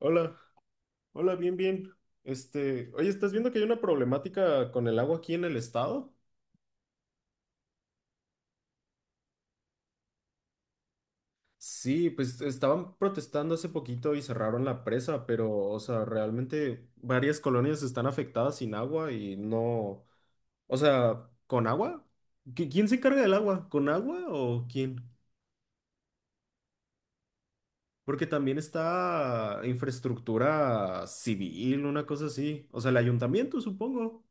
Hola, hola, bien, bien. Este, oye, ¿estás viendo que hay una problemática con el agua aquí en el estado? Sí, pues estaban protestando hace poquito y cerraron la presa, pero, o sea, realmente varias colonias están afectadas sin agua y no, o sea, ¿con agua? ¿Quién se encarga del agua? ¿Con agua o quién? Porque también está infraestructura civil, una cosa así. O sea, el ayuntamiento, supongo.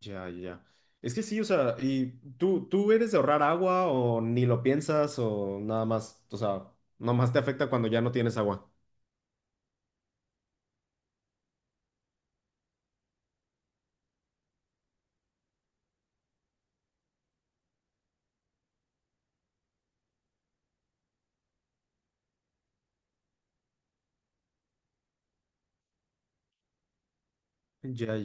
Ya, ya. Es que sí, o sea, ¿y tú eres de ahorrar agua o ni lo piensas o nada más, o sea, nada más te afecta cuando ya no tienes agua? Ya,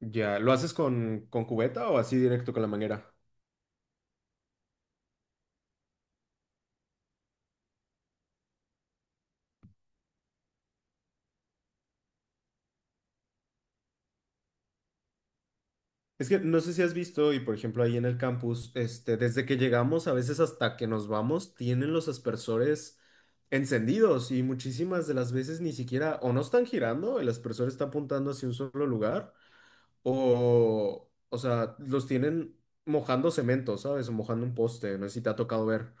ya. ¿Lo haces con cubeta o así directo con la manguera? Es que no sé si has visto, y por ejemplo ahí en el campus, este, desde que llegamos, a veces hasta que nos vamos, tienen los aspersores encendidos y muchísimas de las veces ni siquiera o no están girando, el aspersor está apuntando hacia un solo lugar. O sea, los tienen mojando cemento, ¿sabes? O mojando un poste, no sé si te ha tocado ver.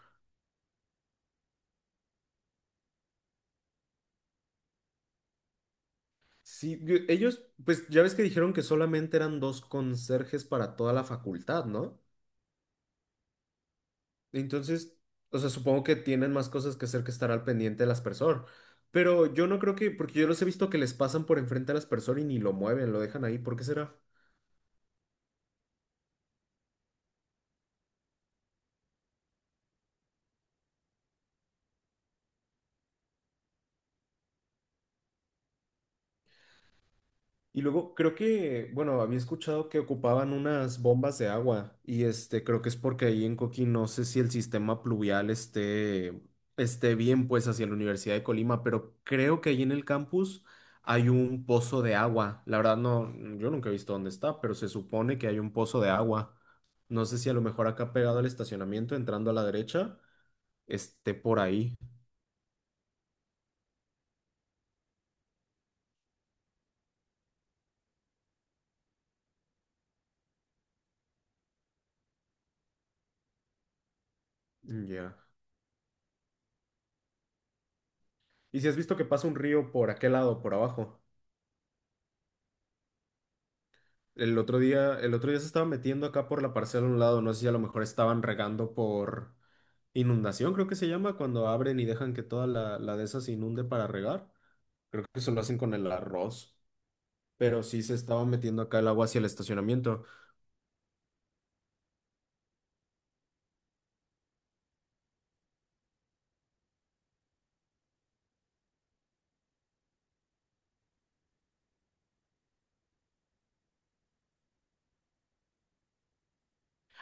Sí, ellos, pues ya ves que dijeron que solamente eran dos conserjes para toda la facultad, ¿no? Entonces, o sea, supongo que tienen más cosas que hacer que estar al pendiente del aspersor. Pero yo no creo que, porque yo los he visto que les pasan por enfrente al aspersor y ni lo mueven, lo dejan ahí. ¿Por qué será? Y luego creo que, bueno, había escuchado que ocupaban unas bombas de agua y este, creo que es porque ahí en Coquín no sé si el sistema pluvial esté, esté bien pues hacia la Universidad de Colima, pero creo que ahí en el campus hay un pozo de agua. La verdad no, yo nunca he visto dónde está, pero se supone que hay un pozo de agua. No sé si a lo mejor acá pegado al estacionamiento, entrando a la derecha, esté por ahí. Ya. ¿Y si has visto que pasa un río por aquel lado, por abajo? El otro día se estaba metiendo acá por la parcela a un lado, no sé si a lo mejor estaban regando por inundación, creo que se llama, cuando abren y dejan que toda la de esas se inunde para regar. Creo que eso lo hacen con el arroz, pero sí se estaba metiendo acá el agua hacia el estacionamiento.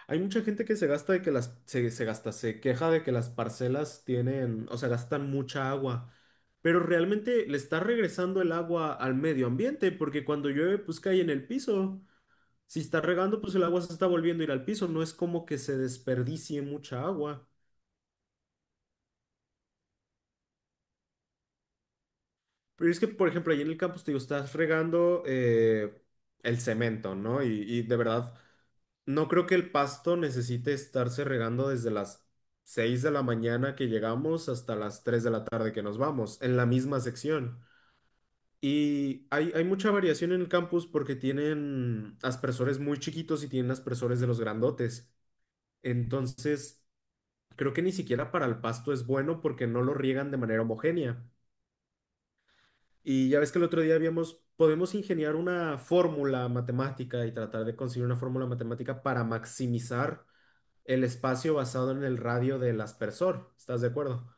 Hay mucha gente que se gasta de que las, se gasta, se queja de que las parcelas tienen, o sea, gastan mucha agua. Pero realmente le está regresando el agua al medio ambiente, porque cuando llueve, pues cae en el piso. Si está regando, pues el agua se está volviendo a ir al piso, no es como que se desperdicie mucha agua. Pero es que, por ejemplo, ahí en el campus, te digo, estás regando el cemento, ¿no? Y de verdad, no creo que el pasto necesite estarse regando desde las 6 de la mañana que llegamos hasta las 3 de la tarde que nos vamos, en la misma sección. Y hay mucha variación en el campus porque tienen aspersores muy chiquitos y tienen aspersores de los grandotes. Entonces, creo que ni siquiera para el pasto es bueno porque no lo riegan de manera homogénea. Y ya ves que el otro día habíamos, podemos ingeniar una fórmula matemática y tratar de conseguir una fórmula matemática para maximizar el espacio basado en el radio del aspersor. ¿Estás de acuerdo?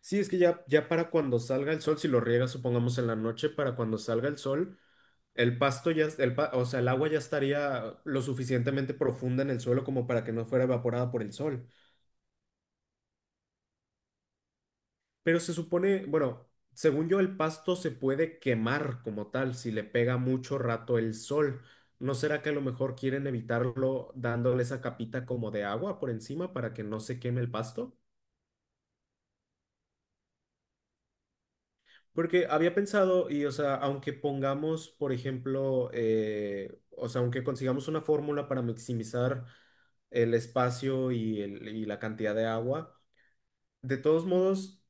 Sí, es que ya, ya para cuando salga el sol, si lo riega supongamos en la noche, para cuando salga el sol, el pasto ya, o sea, el agua ya estaría lo suficientemente profunda en el suelo como para que no fuera evaporada por el sol. Pero se supone, bueno, según yo, el pasto se puede quemar como tal si le pega mucho rato el sol. ¿No será que a lo mejor quieren evitarlo dándole esa capita como de agua por encima para que no se queme el pasto? Porque había pensado, y o sea, aunque pongamos, por ejemplo, o sea, aunque consigamos una fórmula para maximizar el espacio y, y la cantidad de agua, de todos modos.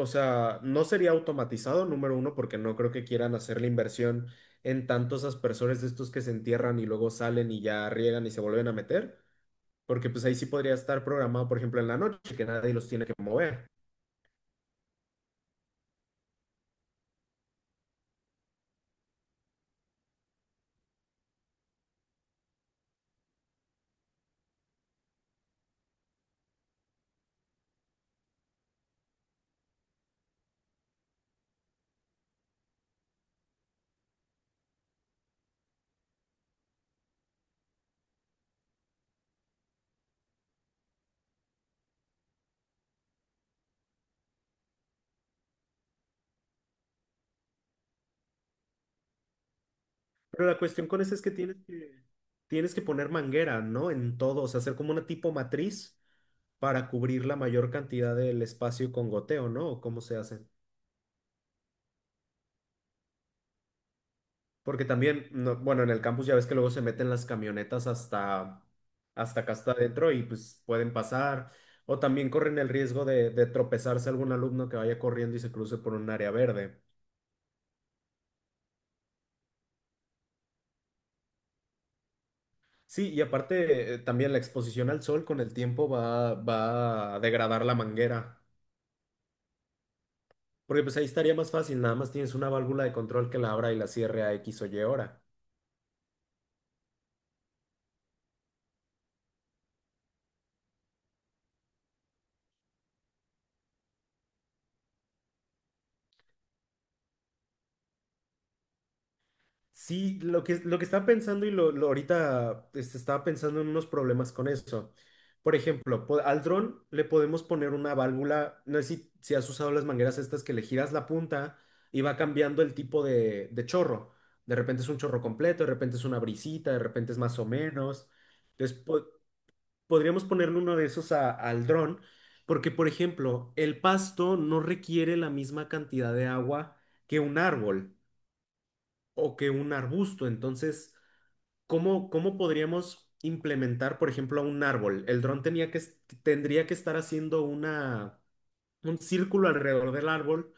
O sea, no sería automatizado, número uno, porque no creo que quieran hacer la inversión en tantos aspersores de estos que se entierran y luego salen y ya riegan y se vuelven a meter, porque pues ahí sí podría estar programado, por ejemplo, en la noche, que nadie los tiene que mover. Pero la cuestión con eso es que tienes que, tienes que poner manguera, ¿no? En todo, o sea, hacer como una tipo matriz para cubrir la mayor cantidad del espacio con goteo, ¿no? ¿O ¿cómo se hace? Porque también, bueno, en el campus ya ves que luego se meten las camionetas hasta, hasta acá hasta adentro y pues pueden pasar. O también corren el riesgo de tropezarse algún alumno que vaya corriendo y se cruce por un área verde. Sí, y aparte también la exposición al sol con el tiempo va a degradar la manguera. Porque pues ahí estaría más fácil, nada más tienes una válvula de control que la abra y la cierre a X o Y hora. Sí, lo que estaba pensando y lo ahorita este, estaba pensando en unos problemas con eso. Por ejemplo, al dron le podemos poner una válvula, no sé si, si has usado las mangueras estas que le giras la punta y va cambiando el tipo de chorro. De repente es un chorro completo, de repente es una brisita, de repente es más o menos. Entonces, podríamos ponerle uno de esos al dron, porque, por ejemplo, el pasto no requiere la misma cantidad de agua que un árbol o que un arbusto. Entonces, ¿cómo podríamos implementar, por ejemplo, a un árbol? El dron tenía que, tendría que estar haciendo una, un círculo alrededor del árbol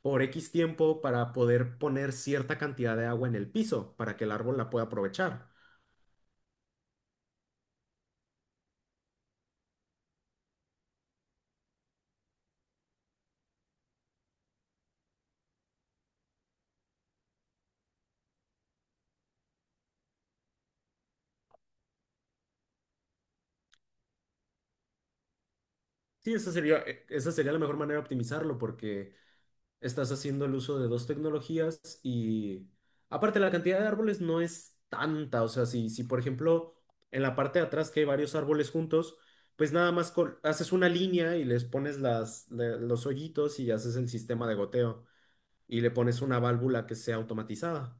por X tiempo para poder poner cierta cantidad de agua en el piso para que el árbol la pueda aprovechar. Sí, esa sería la mejor manera de optimizarlo porque estás haciendo el uso de dos tecnologías y aparte la cantidad de árboles no es tanta, o sea, si, si por ejemplo en la parte de atrás que hay varios árboles juntos, pues nada más haces una línea y les pones los hoyitos y haces el sistema de goteo y le pones una válvula que sea automatizada.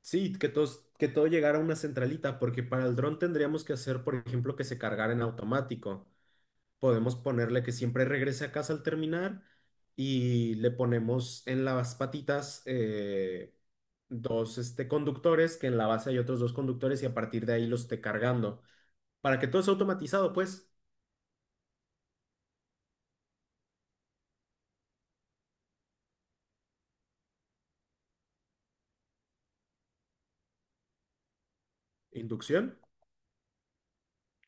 Sí, que que todo llegara a una centralita, porque para el dron tendríamos que hacer, por ejemplo, que se cargara en automático. Podemos ponerle que siempre regrese a casa al terminar y le ponemos en las patitas dos este, conductores, que en la base hay otros dos conductores y a partir de ahí los esté cargando. Para que todo sea automatizado, pues, inducción.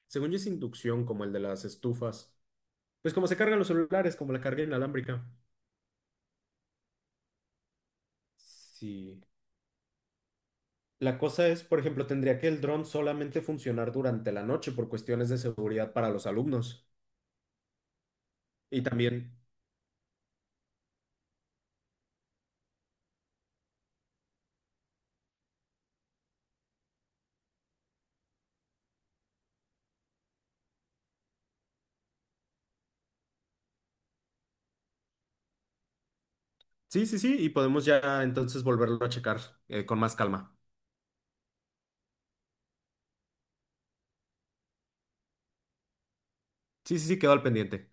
Según yo es inducción, como el de las estufas. Pues como se cargan los celulares, como la carga inalámbrica. Sí. La cosa es, por ejemplo, tendría que el dron solamente funcionar durante la noche por cuestiones de seguridad para los alumnos. Y también sí, sí, sí, y podemos ya entonces volverlo a checar con más calma. Sí, sí, sí, quedó al pendiente.